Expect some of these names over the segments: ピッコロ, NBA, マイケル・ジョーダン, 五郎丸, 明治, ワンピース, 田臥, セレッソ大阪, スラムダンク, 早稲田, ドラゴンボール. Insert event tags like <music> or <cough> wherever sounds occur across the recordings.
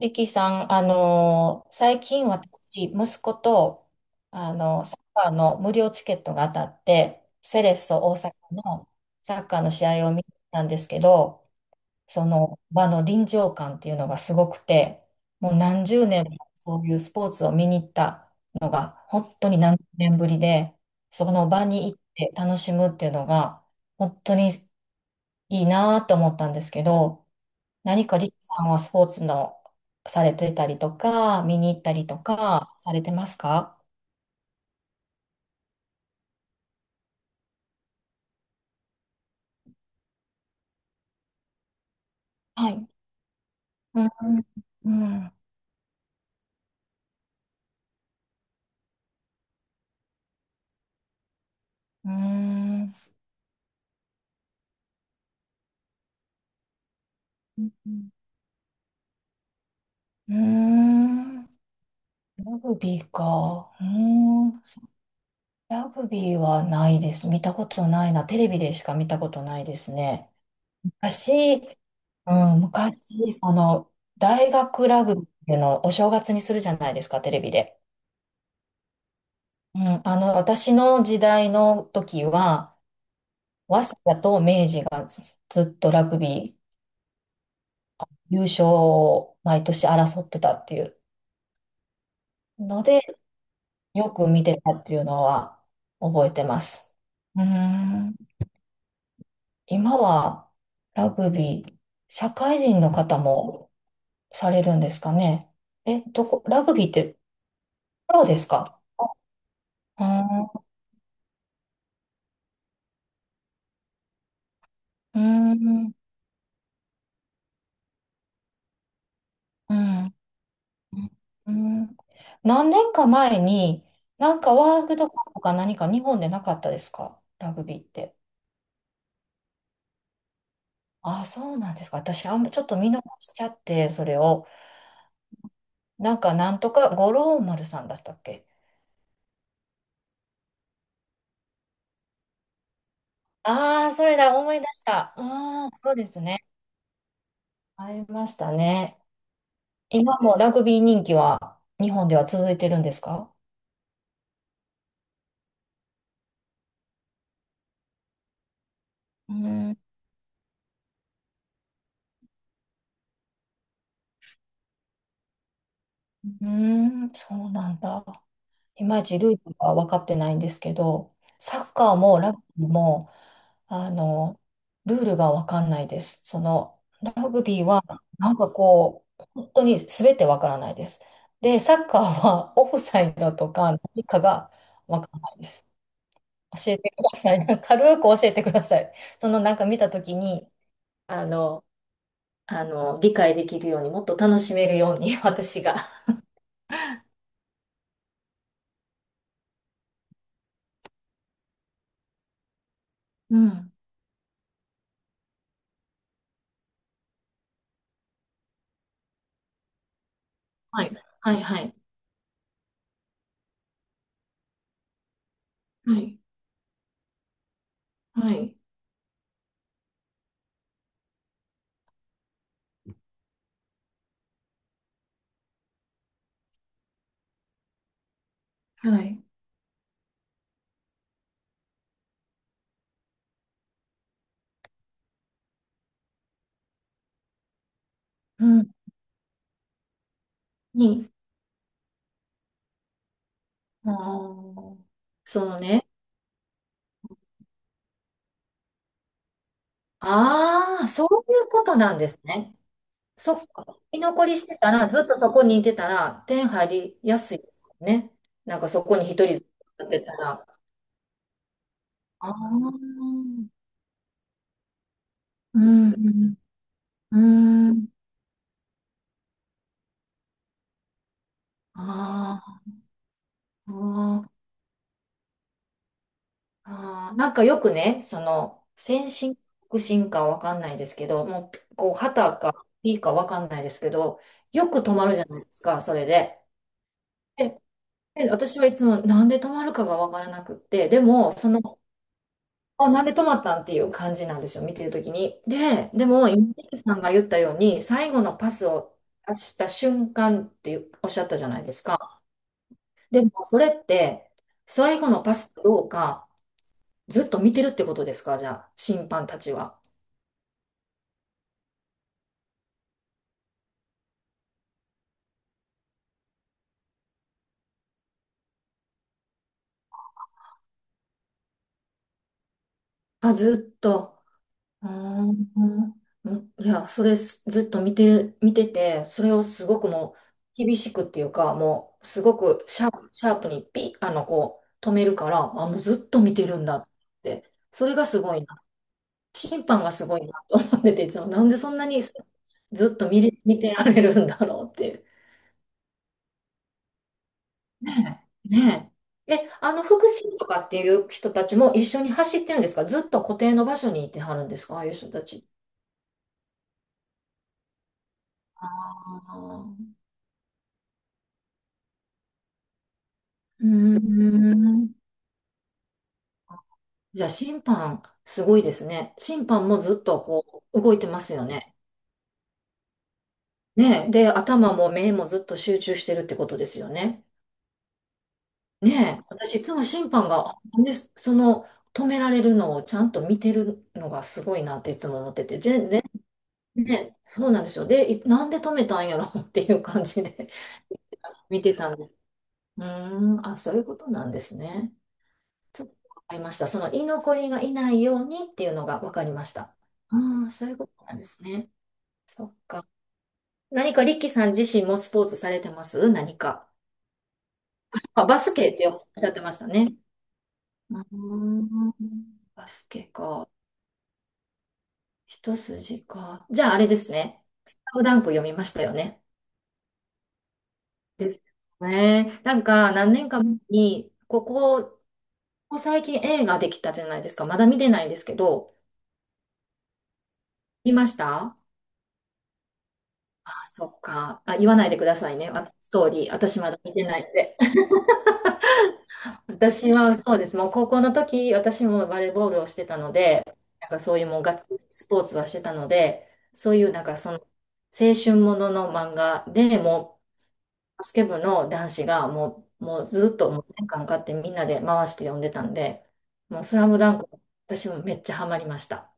リキさん、最近私、息子と、サッカーの無料チケットが当たって、セレッソ大阪のサッカーの試合を見に行ったんですけど、その場の臨場感っていうのがすごくて、もう何十年もそういうスポーツを見に行ったのが、本当に何十年ぶりで、その場に行って楽しむっていうのが、本当にいいなと思ったんですけど、何かリキさんはスポーツのされてたりとか、見に行ったりとかされてますか？はい。うん。うん。うん。うん。うん。ラグビーか。うーん。ラグビーはないです。見たことないな。テレビでしか見たことないですね。昔、うん、昔、その、大学ラグビーっていうのをお正月にするじゃないですか、テレビで。うん、あの、私の時代の時は、早稲田と明治がずっとラグビー優勝を毎年争ってたっていうので、よく見てたっていうのは覚えてます。うーん。今はラグビー、社会人の方もされるんですかね。え、どこ、ラグビーってプロですか？あー、うーん、うん、うん。何年か前に、なんかワールドカップか何か日本でなかったですか、ラグビーって。あ、そうなんですか。私、あんまちょっと見逃しちゃって、それを。なんか、なんとか、五郎丸さんだったっけ？ああー、それだ、思い出した。ああ、そうですね。ありましたね。今もラグビー人気は日本では続いてるんですか？うーん、うーん、そうなんだ。いまいちルールは分かってないんですけど、サッカーもラグビーも、あの、ルールが分かんないです。その、ラグビーは、なんかこう、本当に全て分からないです。で、サッカーはオフサイドとか何かが分からないです。教えてください。<laughs> 軽く教えてください。そのなんか見たときに、あの、理解できるように、もっと楽しめるように、<laughs> 私が。うん。はい。はい。はい。はい。はい。はい。うん。に、あー、そのね、ああ、そういうことなんですね。そっか。居残りしてたら、ずっとそこにいてたら、点入りやすいですよね。なんかそこに一人ずっ立ってたら。ああ、うん、うん、うん、ああ。ああ、なんかよくね、その、先進か後進かわかんないですけど、もう、こう、旗か P かわかんないですけど、よく止まるじゃないですか、それで。で、で私はいつもなんで止まるかがわからなくって、でも、その、あ、なんで止まったんっていう感じなんですよ、見てるときに。で、でも、今、リキさんが言ったように、最後のパスを出した瞬間っておっしゃったじゃないですか。でも、それって、最後のパスかどうか、ずっと見てるってことですか、じゃあ、審判たちは。あ、ずっと。うーん。うん、いや、それすずっと見てる、見てて、それをすごくもう厳しくっていうか、もうすごくシャープにピッ、あの、こう止めるから、あ、もうずっと見てるんだって。それがすごいな。審判がすごいなと思ってて、いつもなんでそんなにずっと見れ、見てられるんだろうっていう。ねえ。ねえ。え、あの、福祉とかっていう人たちも一緒に走ってるんですか？ずっと固定の場所にいてはるんですか？ああいう人たち、あー、うーん。じゃあ審判、すごいですね。審判もずっとこう動いてますよね。ねえ。で、頭も目もずっと集中してるってことですよね。ねえ。私いつも審判が、なんで、その止められるのをちゃんと見てるのがすごいなっていつも思ってて。で、で、ねえ、そうなんですよ。で、いなんで止めたんやろ <laughs> っていう感じで <laughs> 見てたんです。うーん、あ、そういうことなんですね。ちょっとわかりました。その居残りがいないようにっていうのがわかりました。ああ、そういうことなんですね。そっか。何かリッキーさん自身もスポーツされてます、何か。あ、バスケっておっしゃってましたね。うーん、バスケか。一筋か。じゃああれですね。スラムダンク読みましたよね。ですね。なんか何年か前に、ここ最近映画できたじゃないですか。まだ見てないんですけど、見ました？そっか。あ、言わないでくださいね。あ、ストーリー。私まだ見てないんで。<laughs> 私はそうです。もう高校の時、私もバレーボールをしてたので、なんかそういうもうガッツリスポーツはしてたので、そういうなんかその青春ものの漫画でもうバスケ部の男子がもう、もうずっともう年間かってみんなで回して読んでたんで、もうスラムダンク、私もめっちゃハマりました。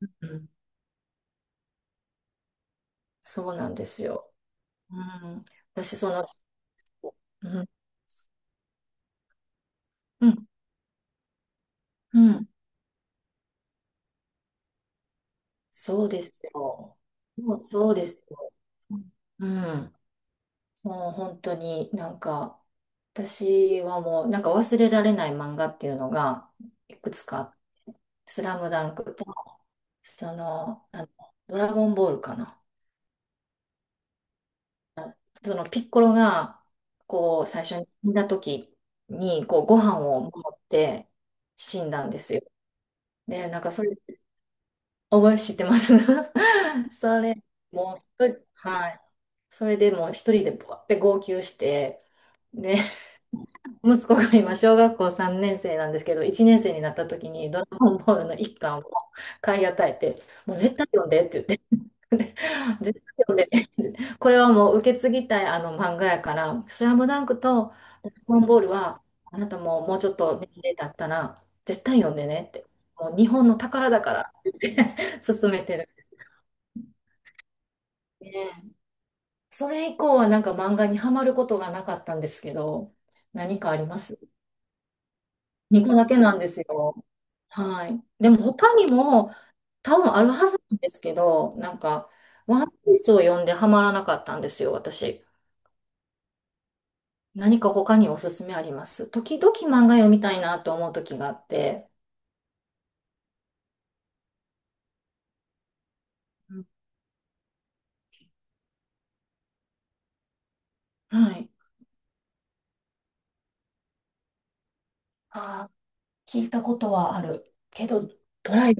うん、そうなんですよ。うん、私その、うん、うん、うん。そうですよ。もうそうですよ。うん。もう本当になんか、私はもうなんか忘れられない漫画っていうのが、いくつか、スラムダンクと、その、あの、ドラゴンボールかな。そのピッコロが、こう、最初に死んだ時に、こう、ご飯を持って死んだんですよ。で、なんかそれ覚え知ってます？ <laughs> それ、もう、とはい。それでもう一人でぼわって号泣して、で、<laughs> 息子が今、小学校3年生なんですけど、1年生になった時にドラゴンボールの一巻を買い与えて、もう絶対読んでって言って、<laughs> 絶対読んでねって、これはもう受け継ぎたいあの漫画やから、スラムダンクとドラゴンボールは、あなたももうちょっと年齢経ったら、絶対読んでねって、もう日本の宝だからって言って <laughs> 勧めてる。ね、それ以降はなんか漫画にはまることがなかったんですけど、何かあります？2個だけなんですよ。はい。でも他にも多分あるはずなんですけど、なんか、ワンピースを読んではまらなかったんですよ、私。何か他におすすめあります？時々漫画読みたいなと思う時があって。うん、はい。あー、聞いたことはあるけど、トライ、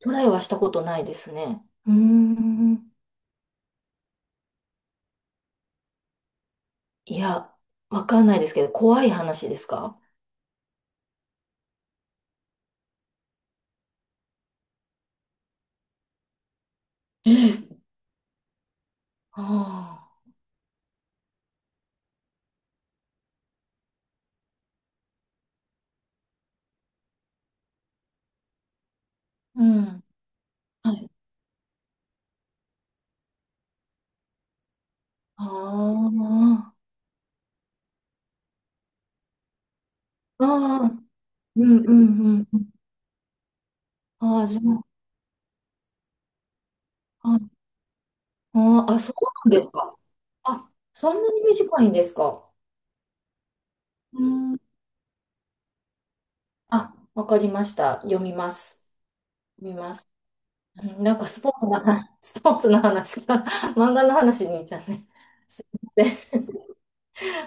トライはしたことないですね。うーん。いや、わかんないですけど、怖い話ですか？ええ、ああ、うん、はい。ああ、ああ、うんうんうんうん。ああ、じゃあ、はい、ああ、あ、そうなんですか。あ、そんなに短いんですか。うん。あ、わかりました。読みます。読みます。うん、なんかスポーツの話、<laughs> スポーツの話から <laughs> 漫画の話にいっちゃうね。すいません。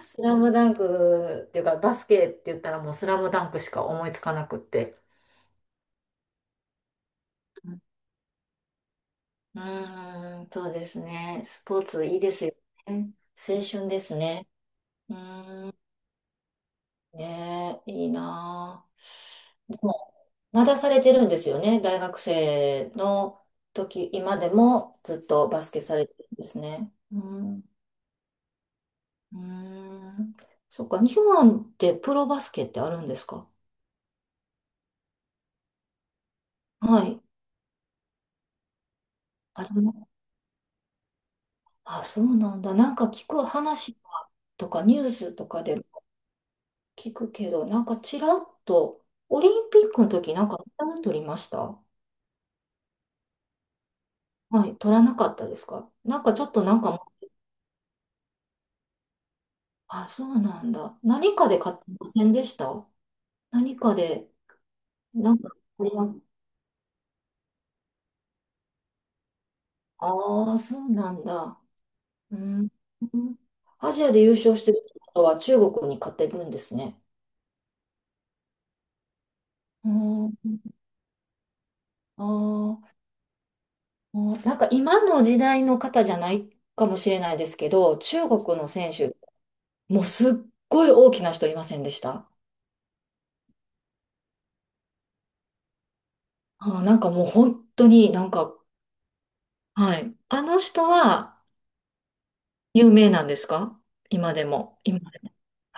スラムダンクっていうか、バスケって言ったらもうスラムダンクしか思いつかなくって。うーん、そうですね。スポーツいいですよね。青春ですね。うーん、ねえ、いいなあ。でも、まだされてるんですよね。大学生の時、今でもずっとバスケされてるんですね。うん、うーん。そっか、日本ってプロバスケってあるんですか？はい。あれも、あ、そうなんだ。なんか聞く話とかニュースとかで聞くけど、なんかちらっと、オリンピックの時なんかメダル取りました？はい、取らなかったですか？なんかちょっとなんかもう、あ、そうなんだ。何かで勝ってませんでした？何かで、なんか、あれが、ああ、そうなんだ。うん。アジアで優勝してるってことは中国に勝ってるんですね。うん。ああ、なんか今の時代の方じゃないかもしれないですけど、中国の選手、もうすっごい大きな人いませんでした？あー、なんかもう本当になんか、はい。あの人は有名なんですか？今でも。今でも。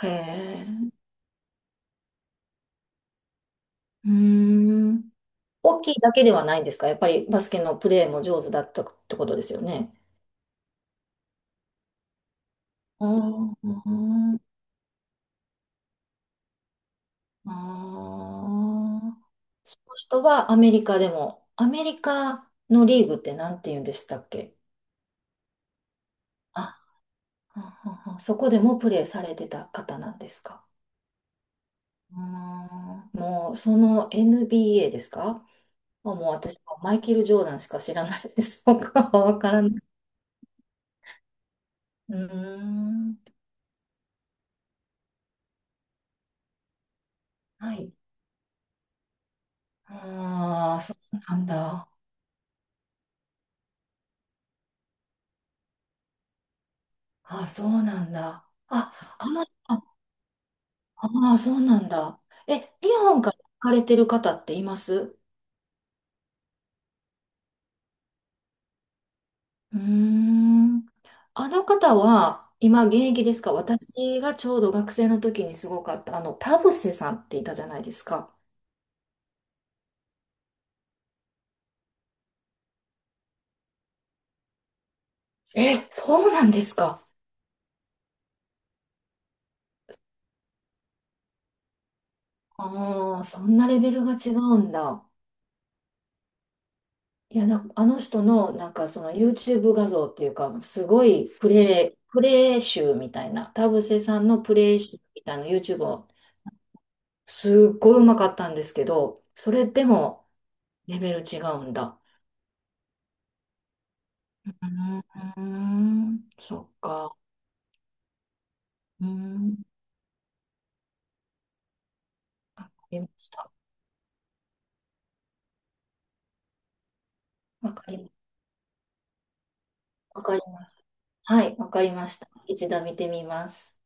へえ。うーん。大きいだけではないんですか？やっぱりバスケのプレーも上手だったってことですよね。あー、あー。その人はアメリカでも、アメリカのリーグって何て言うんでしたっけ？あ、ははは、そこでもプレーされてた方なんですか？うーん、もうその NBA ですか？まあもう私はマイケル・ジョーダンしか知らないです。<laughs> 僕はわからない。うーん。はい。ああ、そうなんだ。あ、そうなんだ。あ、あの、あ、あー、そうなんだ。え、日本から行かれてる方っています？うーん。あの方は今現役ですか？私がちょうど学生の時にすごかった、あの、田臥さんっていたじゃないですか。え、そうなんですか。ああ、そんなレベルが違うんだ。いや、な、あの人のなんかその YouTube 画像っていうか、すごいプレイ集みたいな、田臥さんのプレイ集みたいな YouTube を、すっごいうまかったんですけど、それでもレベル違うんだ。うーん、そっか。うーん、わかりました。わかり、わかります。はい、わかりました。一度見てみます。